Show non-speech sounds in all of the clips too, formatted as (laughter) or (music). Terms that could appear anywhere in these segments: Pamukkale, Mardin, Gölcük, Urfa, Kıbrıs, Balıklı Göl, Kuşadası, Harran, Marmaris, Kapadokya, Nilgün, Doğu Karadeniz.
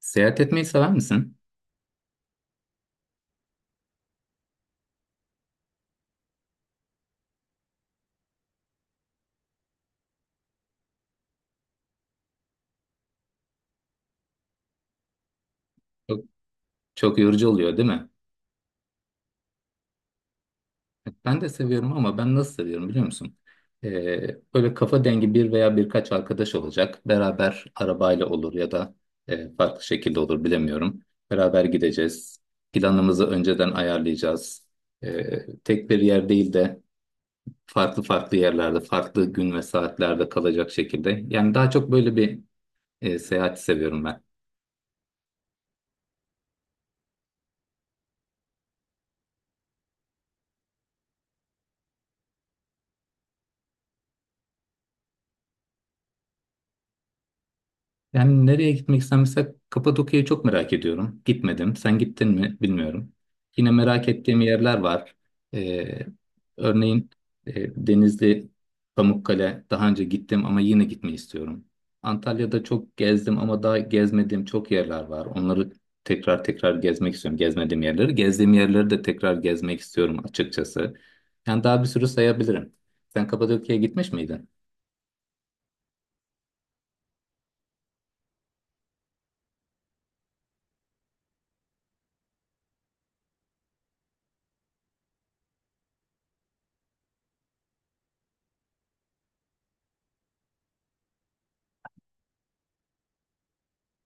Seyahat etmeyi sever misin? Çok, çok yorucu oluyor değil mi? Ben de seviyorum ama ben nasıl seviyorum biliyor musun? Böyle kafa dengi bir veya birkaç arkadaş olacak. Beraber arabayla olur ya da farklı şekilde olur bilemiyorum. Beraber gideceğiz. Planımızı önceden ayarlayacağız. Tek bir yer değil de farklı farklı yerlerde, farklı gün ve saatlerde kalacak şekilde. Yani daha çok böyle bir seyahati seviyorum ben. Yani nereye gitmek istersen mesela Kapadokya'yı çok merak ediyorum. Gitmedim. Sen gittin mi bilmiyorum. Yine merak ettiğim yerler var. Ee, Örneğin Denizli, Pamukkale daha önce gittim ama yine gitmeyi istiyorum. Antalya'da çok gezdim ama daha gezmediğim çok yerler var. Onları tekrar tekrar gezmek istiyorum. Gezmediğim yerleri. Gezdiğim yerleri de tekrar gezmek istiyorum açıkçası. Yani daha bir sürü sayabilirim. Sen Kapadokya'ya gitmiş miydin?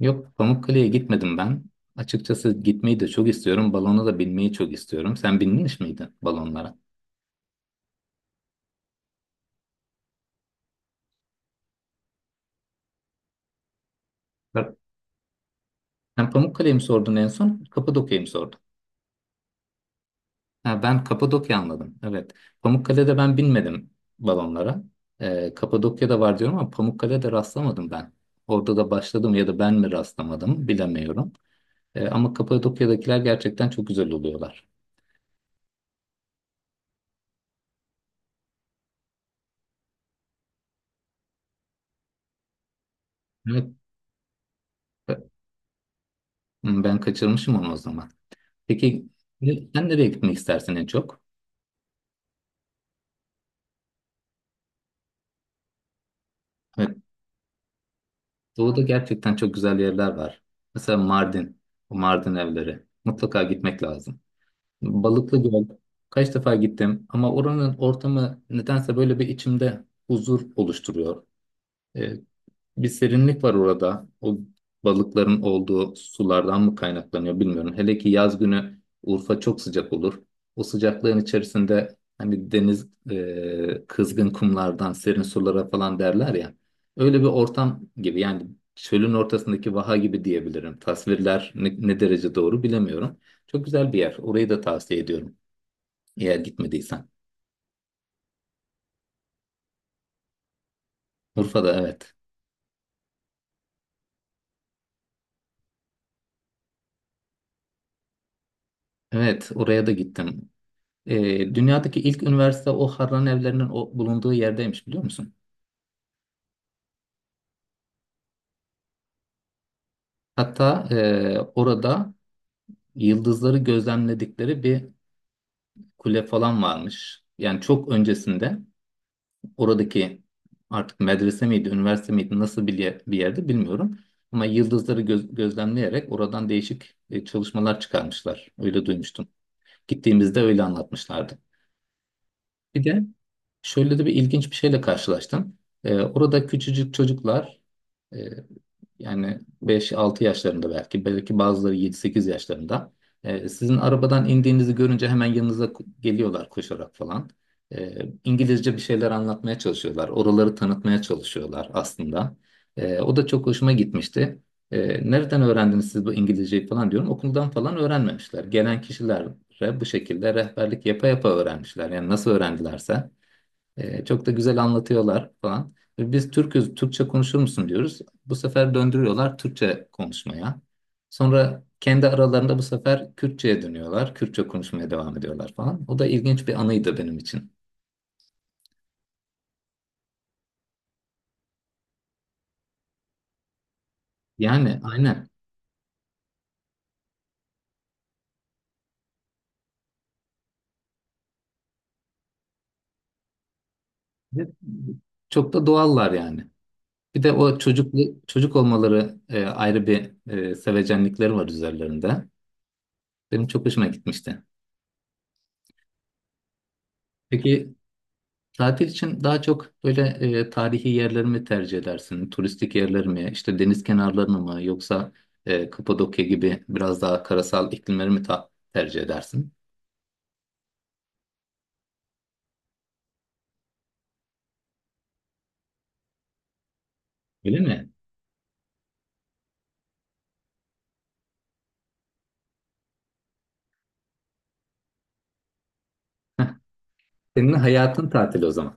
Yok, Pamukkale'ye gitmedim ben. Açıkçası gitmeyi de çok istiyorum. Balona da binmeyi çok istiyorum. Sen binmiş miydin balonlara? Bak, sen Pamukkale'yi mi sordun en son? Kapadokya'yı mı sordun? Ha, ben Kapadokya anladım. Evet. Pamukkale'de ben binmedim balonlara. Kapadokya'da var diyorum ama Pamukkale'de rastlamadım ben. Orada da başladım ya da ben mi rastlamadım bilemiyorum. Ama Kapadokya'dakiler gerçekten çok güzel oluyorlar. Evet. Ben kaçırmışım onu o zaman. Peki sen nereye gitmek istersin en çok? Ee, Doğu'da gerçekten çok güzel yerler var. Mesela Mardin, o Mardin evleri. Mutlaka gitmek lazım. Balıklı Göl, kaç defa gittim ama oranın ortamı nedense böyle bir içimde huzur oluşturuyor. Ee, Bir serinlik var orada. O balıkların olduğu sulardan mı kaynaklanıyor bilmiyorum. Hele ki yaz günü Urfa çok sıcak olur. O sıcaklığın içerisinde hani deniz kızgın kumlardan serin sulara falan derler ya. Öyle bir ortam gibi yani çölün ortasındaki vaha gibi diyebilirim. Tasvirler ne derece doğru bilemiyorum. Çok güzel bir yer. Orayı da tavsiye ediyorum. Eğer gitmediysen. Urfa'da, evet. Evet, oraya da gittim. Dünyadaki ilk üniversite o Harran evlerinin o, bulunduğu yerdeymiş biliyor musun? Hatta orada yıldızları gözlemledikleri bir kule falan varmış. Yani çok öncesinde oradaki artık medrese miydi, üniversite miydi, nasıl bir, bir yerde bilmiyorum. Ama yıldızları gözlemleyerek oradan değişik çalışmalar çıkarmışlar. Öyle duymuştum. Gittiğimizde öyle anlatmışlardı. Bir de şöyle de bir ilginç bir şeyle karşılaştım. Orada küçücük çocuklar e, yani 5-6 yaşlarında belki bazıları 7-8 yaşlarında, sizin arabadan indiğinizi görünce hemen yanınıza geliyorlar koşarak falan. E, İngilizce bir şeyler anlatmaya çalışıyorlar. Oraları tanıtmaya çalışıyorlar aslında. O da çok hoşuma gitmişti. Nereden öğrendiniz siz bu İngilizceyi falan diyorum. Okuldan falan öğrenmemişler. Gelen kişilere bu şekilde rehberlik yapa yapa öğrenmişler. Yani nasıl öğrendilerse. Çok da güzel anlatıyorlar falan. Ve biz Türk'üz, Türkçe konuşur musun diyoruz. Bu sefer döndürüyorlar Türkçe konuşmaya. Sonra kendi aralarında bu sefer Kürtçe'ye dönüyorlar. Kürtçe konuşmaya devam ediyorlar falan. O da ilginç bir anıydı benim için. Yani aynen. Ve Çok da doğallar yani. Bir de o çocuk olmaları, ayrı bir sevecenlikleri var üzerlerinde. Benim çok hoşuma gitmişti. Peki, tatil için daha çok böyle tarihi yerleri mi tercih edersin? Turistik yerleri mi? İşte deniz kenarlarını mı? Yoksa Kapadokya gibi biraz daha karasal iklimleri mi tercih edersin? Öyle mi? Heh, senin hayatın tatil o zaman.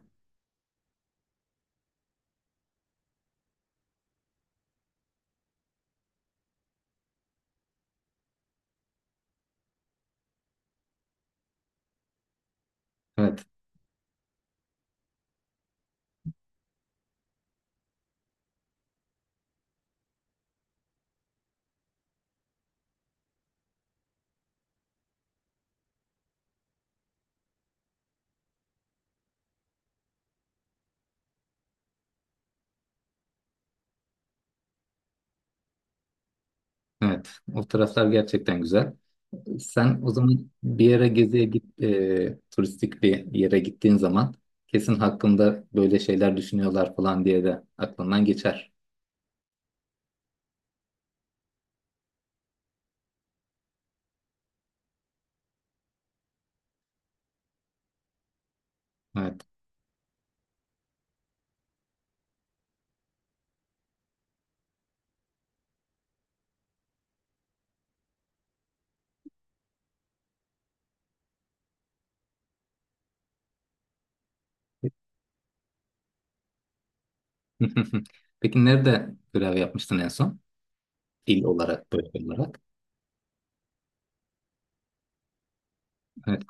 Evet, evet. O taraflar gerçekten güzel. Sen o zaman bir yere geziye git, turistik bir yere gittiğin zaman kesin hakkında böyle şeyler düşünüyorlar falan diye de aklından geçer. Evet. (laughs) Peki nerede görev yapmıştın en son? Dil olarak, bölge olarak. Evet.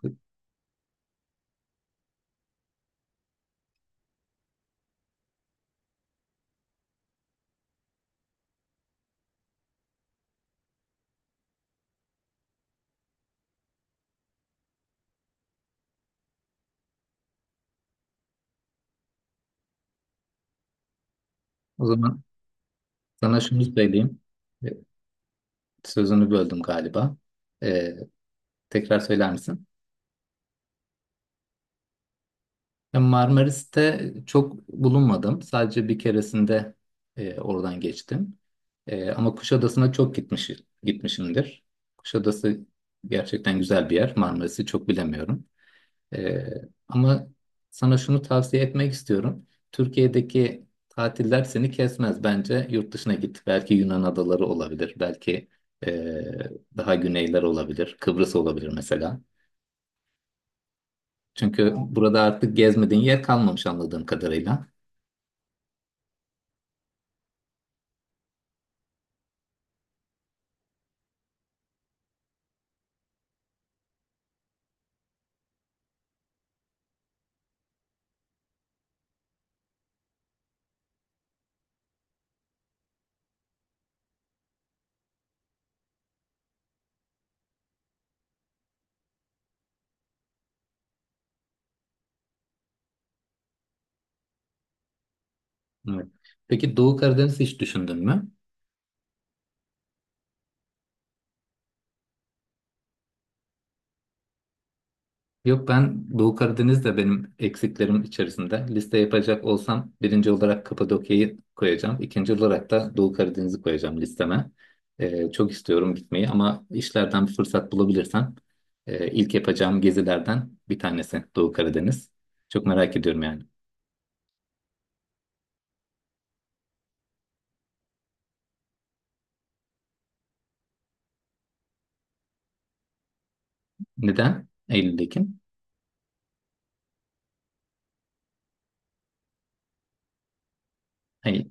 O zaman sana şunu söyleyeyim. Evet, sözünü böldüm galiba. Ee, Tekrar söyler misin? Ya Marmaris'te çok bulunmadım. Sadece bir keresinde oradan geçtim. Ama Kuşadası'na çok gitmişimdir. Kuşadası gerçekten güzel bir yer. Marmaris'i çok bilemiyorum. Ee, Ama sana şunu tavsiye etmek istiyorum. Türkiye'deki tatiller seni kesmez. Bence yurt dışına git. Belki Yunan adaları olabilir. Belki ee, daha güneyler olabilir. Kıbrıs olabilir mesela. Çünkü burada artık gezmediğin yer kalmamış anladığım kadarıyla. Evet. Peki Doğu Karadeniz hiç düşündün mü? Yok, ben Doğu Karadeniz de benim eksiklerim içerisinde. Liste yapacak olsam birinci olarak Kapadokya'yı koyacağım. İkinci olarak da Doğu Karadeniz'i koyacağım listeme. Çok istiyorum gitmeyi ama işlerden bir fırsat bulabilirsem ilk yapacağım gezilerden bir tanesi Doğu Karadeniz. Çok merak ediyorum yani. Neden? Eylül, Ekim. Hayır.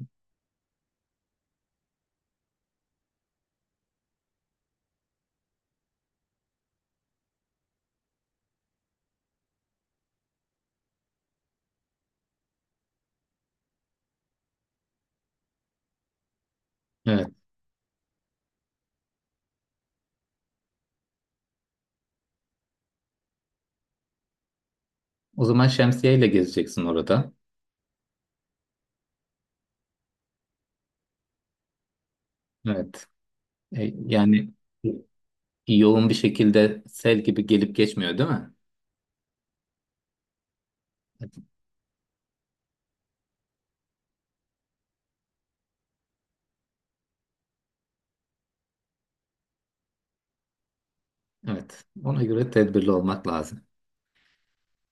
Evet. O zaman şemsiye ile gezeceksin orada. Evet. Yani yoğun bir şekilde sel gibi gelip geçmiyor değil mi? Evet. Ona göre tedbirli olmak lazım.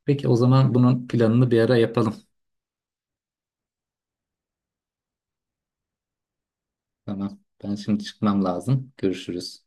Peki o zaman bunun planını bir ara yapalım. Tamam. Ben şimdi çıkmam lazım. Görüşürüz.